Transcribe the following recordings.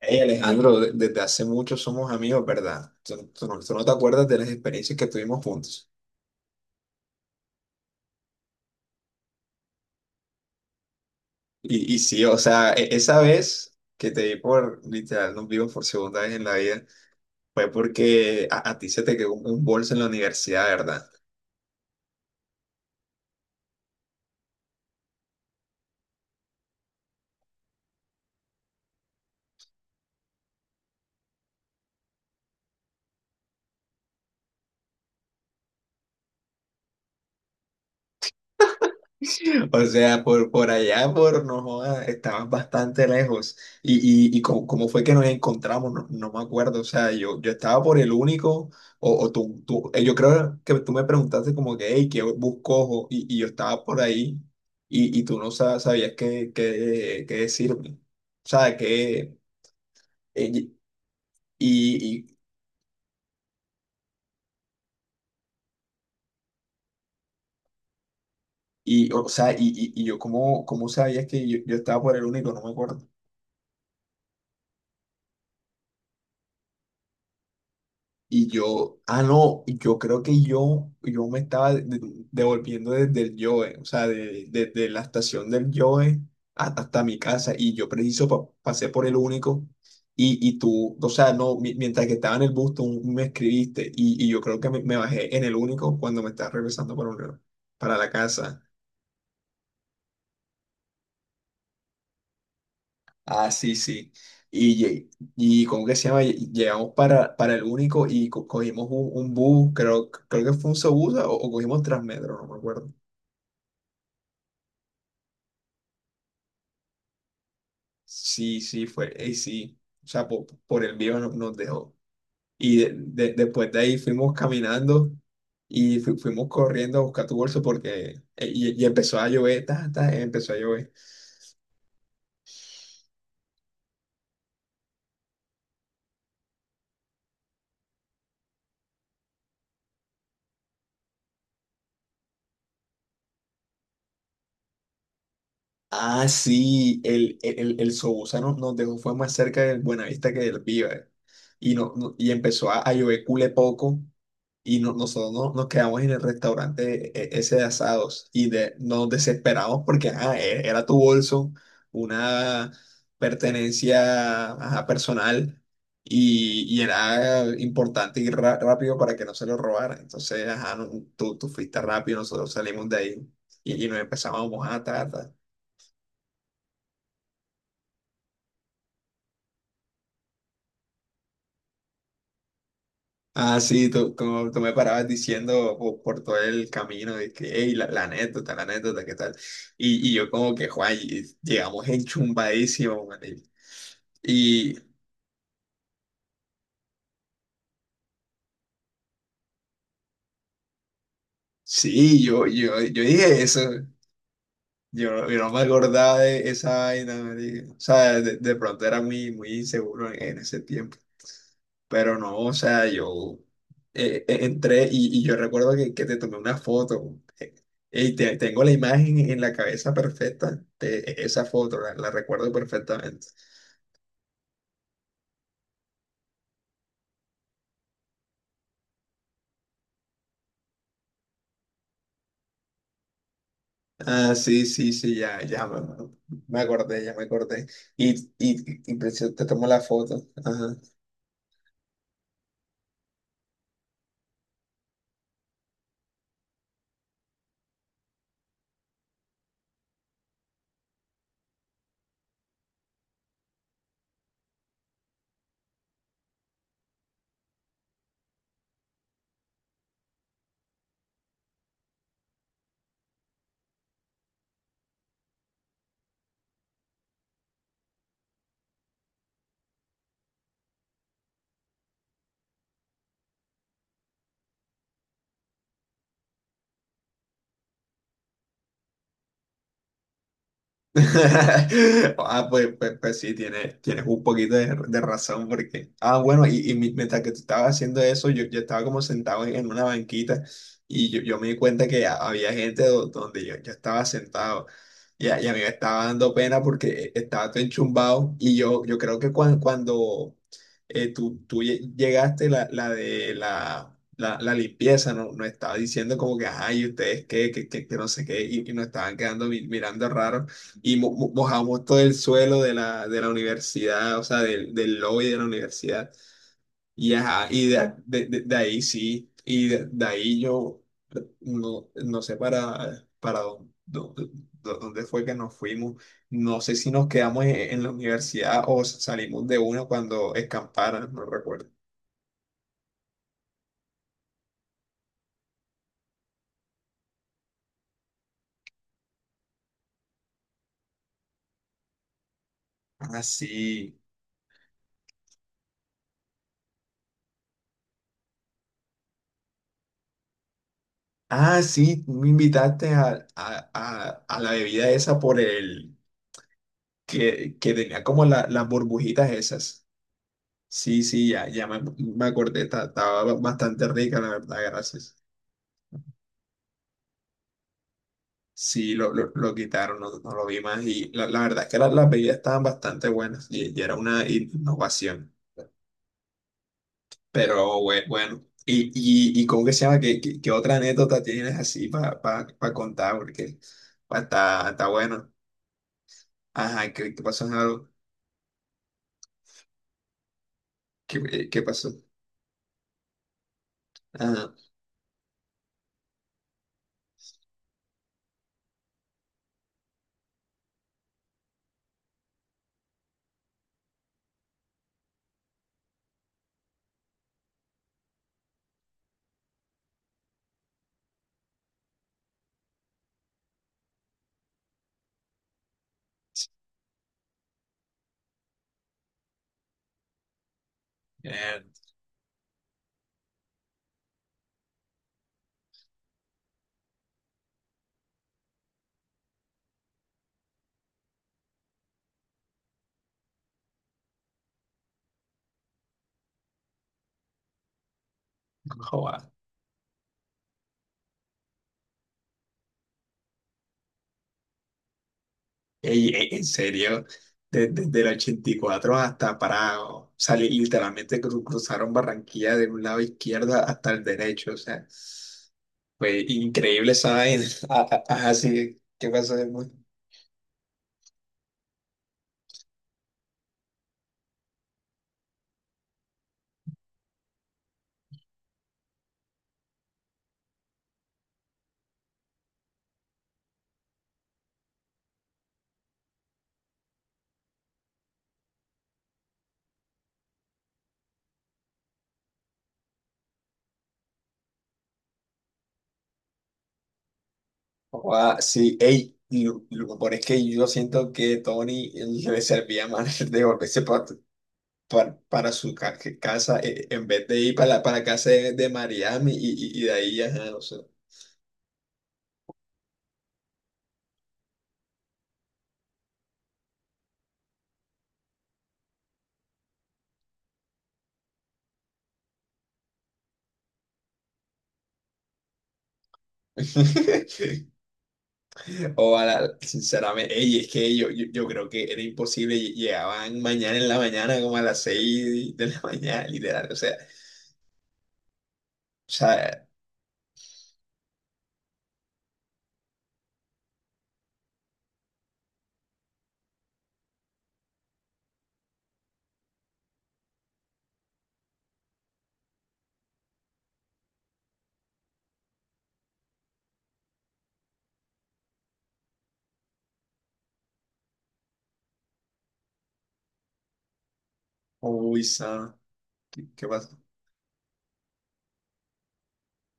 Hey Alejandro, desde hace mucho somos amigos, ¿verdad? Tú no te acuerdas de las experiencias que tuvimos juntos. Y sí, o sea, esa vez que te vi, por literal, nos vimos por segunda vez en la vida, fue porque a ti se te quedó un bolso en la universidad, ¿verdad? O sea, por allá, por, no jodas, estabas bastante lejos. Y cómo fue que nos encontramos, no me acuerdo. O sea, yo estaba por el único, o tú, yo creo que tú me preguntaste como que, hey, ¿qué busco? Y yo estaba por ahí y tú no sabías qué decirme. O sea, que, eh, y, y, o sea, yo, ¿cómo sabías que yo estaba por el único? No me acuerdo. Y yo, ah, no, yo creo que yo me estaba devolviendo desde el Yoe, o sea, desde la estación del Yoe hasta mi casa. Y yo preciso pasé por el único. Y tú, o sea, no, mientras que estaba en el bus, tú me escribiste. Y yo creo que me bajé en el único cuando me estaba regresando para, para la casa. Ah, sí, sí. Y, lle- y ¿cómo que se llama? Llegamos para el único y cogimos un bus, creo que fue un Sobusa o cogimos Transmetro, no me acuerdo. Sí, sí, fue, y sí. O sea, por, el vivo nos dejó. Y después de ahí fuimos caminando y fuimos corriendo a buscar tu bolso porque y empezó a llover, ta, ta, empezó a llover. Ah, sí, el Sobusano nos dejó, fue más cerca del Buenavista que del Viva. Y no, y empezó a llover cule poco y no, nosotros no, nos quedamos en el restaurante ese de asados y de, nos desesperamos porque ajá, era tu bolso, una pertenencia, ajá, personal, y era importante ir rápido para que no se lo robaran. Entonces, ajá, tú fuiste rápido, nosotros salimos de ahí y nos empezamos a mojar, ta, ta. Ah, sí, tú, como tú me parabas diciendo por todo el camino de que, hey, la anécdota, la anécdota, ¿qué tal? Y yo como que, Juan, llegamos enchumbadísimos, marica". Y sí, yo dije eso, yo no me acordaba de esa vaina, marica. O sea, de pronto era muy, muy inseguro en ese tiempo. Pero no, o sea, yo entré y yo recuerdo que te tomé una foto. Y tengo la imagen en la cabeza perfecta de esa foto, la recuerdo perfectamente. Ah, sí, sí, sí, ya me acordé, ya me acordé. Y preciso te tomo la foto, ajá. Ah, pues sí, tienes un poquito de razón porque, ah, bueno, y mientras que tú estabas haciendo eso, yo estaba como sentado en una banquita y yo me di cuenta que había gente donde yo estaba sentado y y a mí me estaba dando pena porque estaba todo enchumbado y yo creo que cuando, tú llegaste, la de la limpieza, ¿no? Nos estaba diciendo como que, ay, ¿ustedes qué? Que no sé qué, y nos estaban quedando mirando raro. Y mojamos todo el suelo de la universidad, o sea, del lobby de la universidad. Y, ajá, y de ahí sí, y de ahí yo no sé para dónde, dónde fue que nos fuimos. No sé si nos quedamos en la universidad o salimos de una cuando escamparan, no recuerdo. Ah, sí. Ah, sí, tú me invitaste a la bebida esa por el que tenía como las burbujitas esas. Sí, sí, ya me acordé, estaba bastante rica, la verdad, gracias. Sí, lo quitaron, no lo vi más y la verdad es que las bebidas estaban bastante buenas y era una innovación, pero bueno. ¿Y cómo que se llama? ¿Qué otra anécdota tienes así para pa, pa- pa contar? Porque está bueno. Ajá, ¿qué pasó en algo? ¿Qué pasó? Ajá. Eh, ey, en serio, desde el 84 hasta Parado, salir literalmente cruzaron Barranquilla de un lado izquierdo hasta el derecho, o sea, fue increíble esa vaina. Ah, sí, ¿qué pasó después? Ah, sí, ey, lo mejor es que yo siento que Tony le servía más de volverse para su casa, en vez de ir para la casa de Mariami y de ahí, ajá, o sea. O sinceramente, ey, es que yo creo que era imposible, llegaban mañana en la mañana, como a las 6 de la mañana, literal, o sea, o sea, uy, son, ¿qué pasa?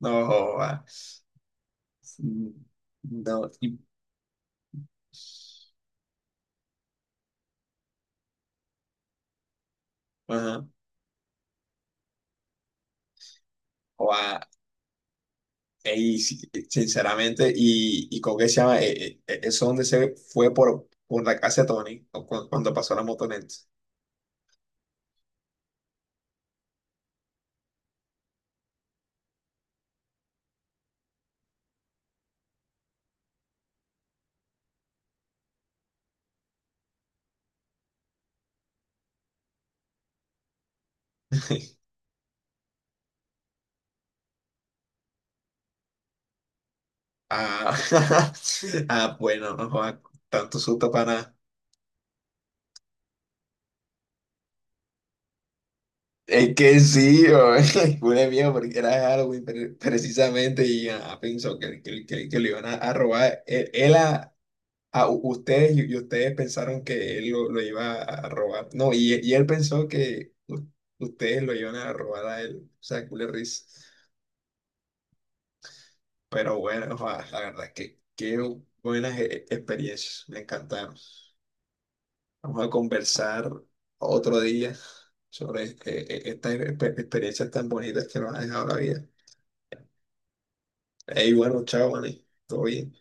No, joda. Mm, no, ajá, joda, ey, sí, sinceramente, y con qué se llama, eso donde se fue por la casa de Tony, o cuando pasó la motoneta. Ah, ah, bueno, no joda, tanto susto para nada. Es que sí, fue mío porque era Halloween precisamente y ah, pensó que le iban a robar. Él a ustedes y ustedes pensaron que él lo iba a robar. No, y él pensó que ustedes lo iban a robar a él. O sea, culé risa. Pero bueno, joda, la verdad es que qué buenas experiencias, me encantaron. Vamos a conversar otro día sobre estas experiencias tan bonitas que nos ha dejado la vida. Hey, bueno, chao, Manny. Todo bien.